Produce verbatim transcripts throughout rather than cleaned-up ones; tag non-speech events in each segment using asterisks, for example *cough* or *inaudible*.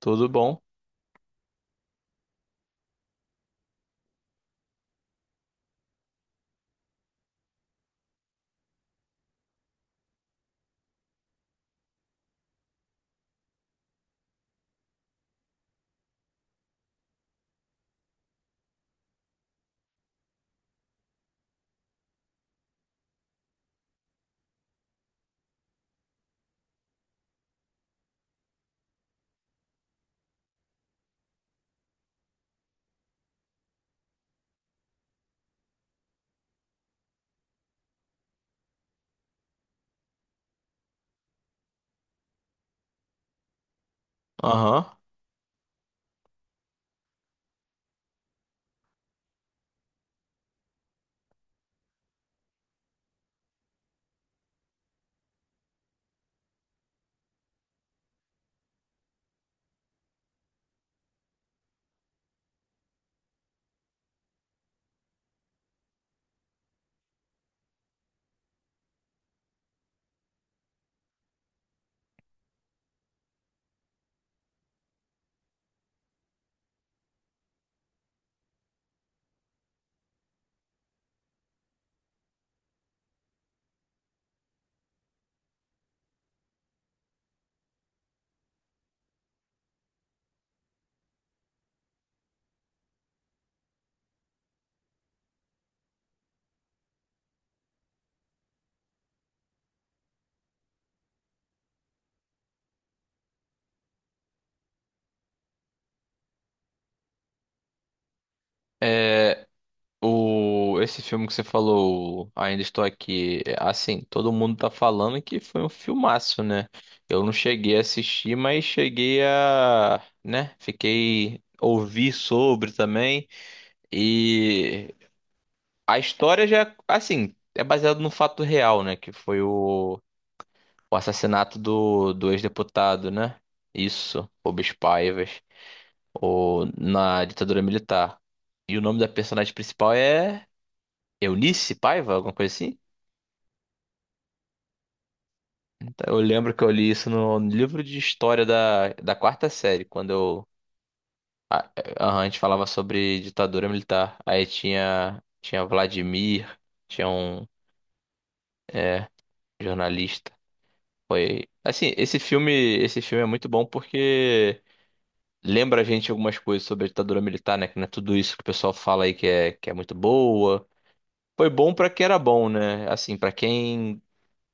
Tudo bom? Aham. É, o, esse filme que você falou, Ainda Estou Aqui, é, assim, todo mundo tá falando que foi um filmaço, né? Eu não cheguei a assistir, mas cheguei a, né, fiquei ouvir sobre também. E a história já, assim, é baseada no fato real, né, que foi o, o assassinato do, do ex-deputado, né? Isso, Rubens Paivas. Ou na ditadura militar. E o nome da personagem principal é Eunice Paiva, alguma coisa assim? Então, eu lembro que eu li isso no livro de história da, da quarta série, quando eu, a, a, a gente falava sobre ditadura militar. Aí tinha, tinha Vladimir, tinha um é, jornalista. Foi. Assim, esse filme, esse filme é muito bom porque lembra a gente algumas coisas sobre a ditadura militar, né? Que não é tudo isso que o pessoal fala aí que é, que é muito boa. Foi bom pra que era bom, né? Assim, pra quem.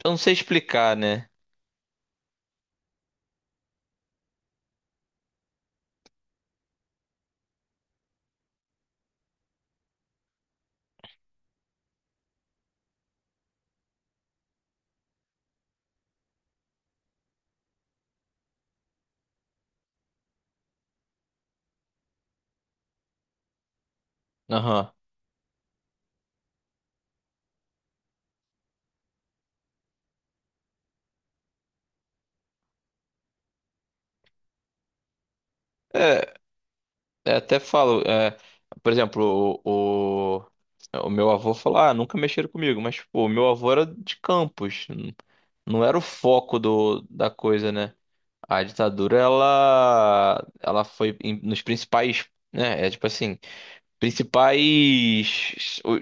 Eu não sei explicar, né? Aham. É, é, até falo. É, por exemplo, o, o, o meu avô falou: ah, nunca mexeram comigo. Mas, pô, o meu avô era de Campos. n- Não era o foco do, da coisa, né? A ditadura, ela. Ela foi em- nos principais. Né? É tipo assim. principais. o-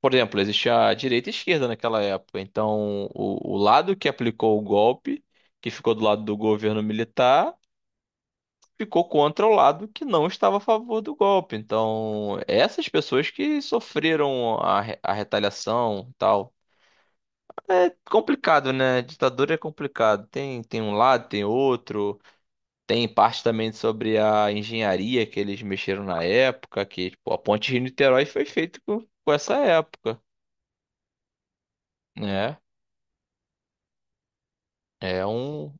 Por exemplo, existia a direita e a esquerda naquela época. Então, o, o lado que aplicou o golpe, que ficou do lado do governo militar, ficou contra o lado que não estava a favor do golpe. Então, essas pessoas que sofreram a, re- a retaliação e tal. É complicado, né? Ditadura é complicado. Tem, tem um lado, tem outro. Tem parte também sobre a engenharia que eles mexeram na época, que tipo, a ponte de Niterói foi feita com, com essa época, né? É um,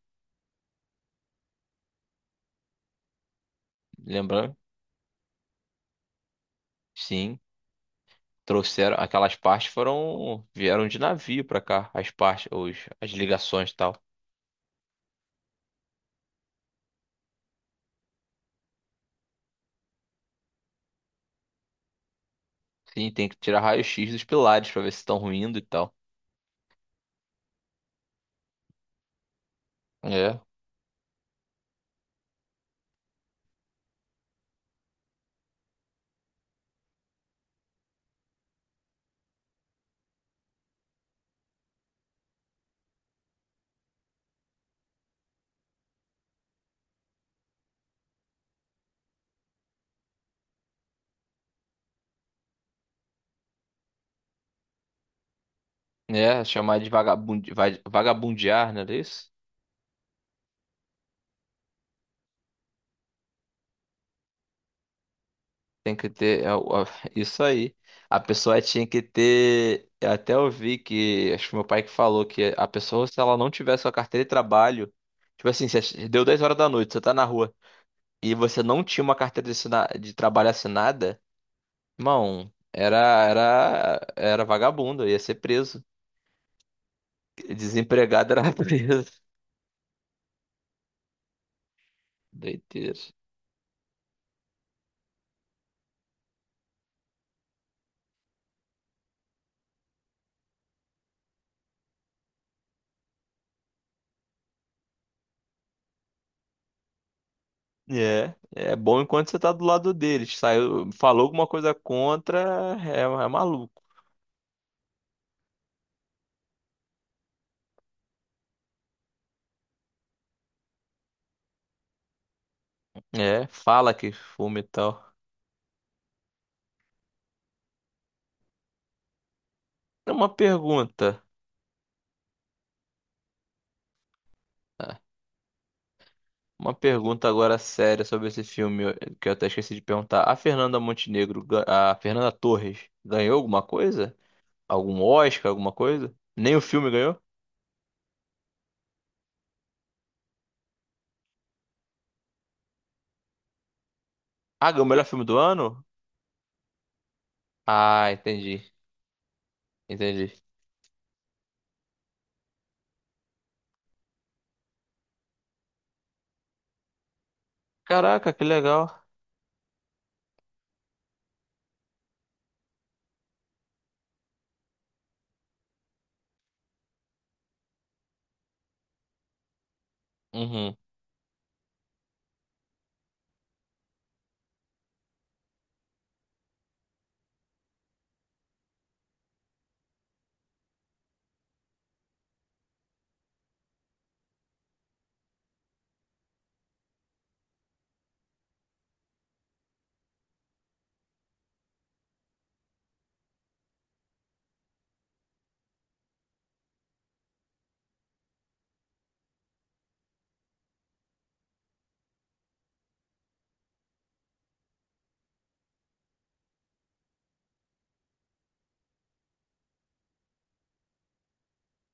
lembrando, sim, trouxeram aquelas partes foram vieram de navio pra cá, as partes, os, as ligações e tal. Sim, tem que tirar raio-x dos pilares pra ver se estão ruindo e tal. É, é chamar de vagabundi, va- vagabundear, não é isso? Tem que ter. é o- é isso aí. A pessoa tinha que ter. Eu até ouvi que. Acho que meu pai que falou que a pessoa, se ela não tivesse a carteira de trabalho. Tipo assim, se deu dez horas da noite, você tá na rua e você não tinha uma carteira de, assina- de trabalho assinada, irmão, era, era, era vagabundo, ia ser preso. Desempregado era *laughs* preso. Doideira. É, é bom enquanto você tá do lado deles. Saiu, falou alguma coisa contra, é, é maluco. É, fala que fuma e tal. Uma pergunta. ah, Uma pergunta agora séria sobre esse filme eu- que eu até esqueci de perguntar. A Fernanda Montenegro, ga- a Fernanda Torres, ganhou alguma coisa? Algum Oscar, alguma coisa? Nem o filme ganhou? Ah, ganhou o melhor filme do ano? Ah, entendi. Entendi. Caraca, que legal. Uhum.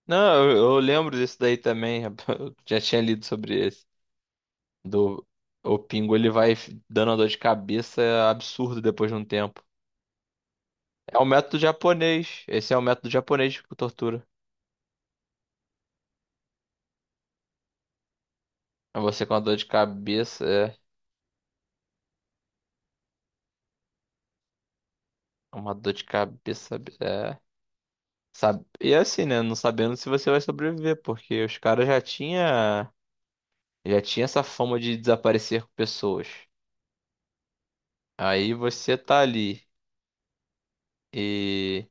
Não, eu, eu lembro disso daí também. *laughs* Eu já tinha lido sobre esse. Do, o Pingo, ele vai dando uma dor de cabeça absurda depois de um tempo. É o método japonês. Esse é o método japonês de tortura. É você com a dor de cabeça. É É uma dor de cabeça. É. Sabe? E é assim, né? Não sabendo se você vai sobreviver, porque os caras já tinha, já tinha essa fama de desaparecer com pessoas. Aí você tá ali e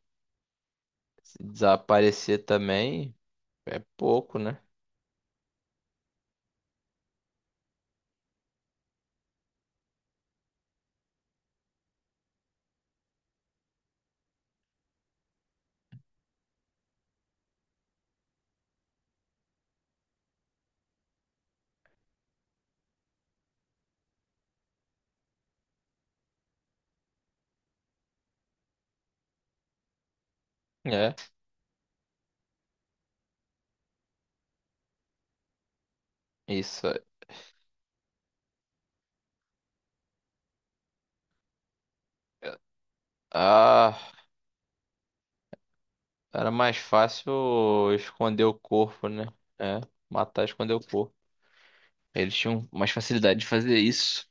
se desaparecer também é pouco, né? É. Isso. Ah, era mais fácil esconder o corpo, né? É. Matar, esconder o corpo. Eles tinham mais facilidade de fazer isso.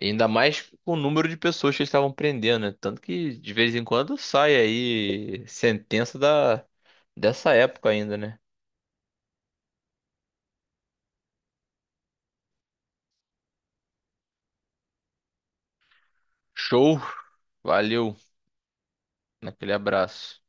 Ainda mais com o número de pessoas que eles estavam prendendo, né? Tanto que de vez em quando sai aí sentença da dessa época ainda, né? Show, valeu, naquele abraço.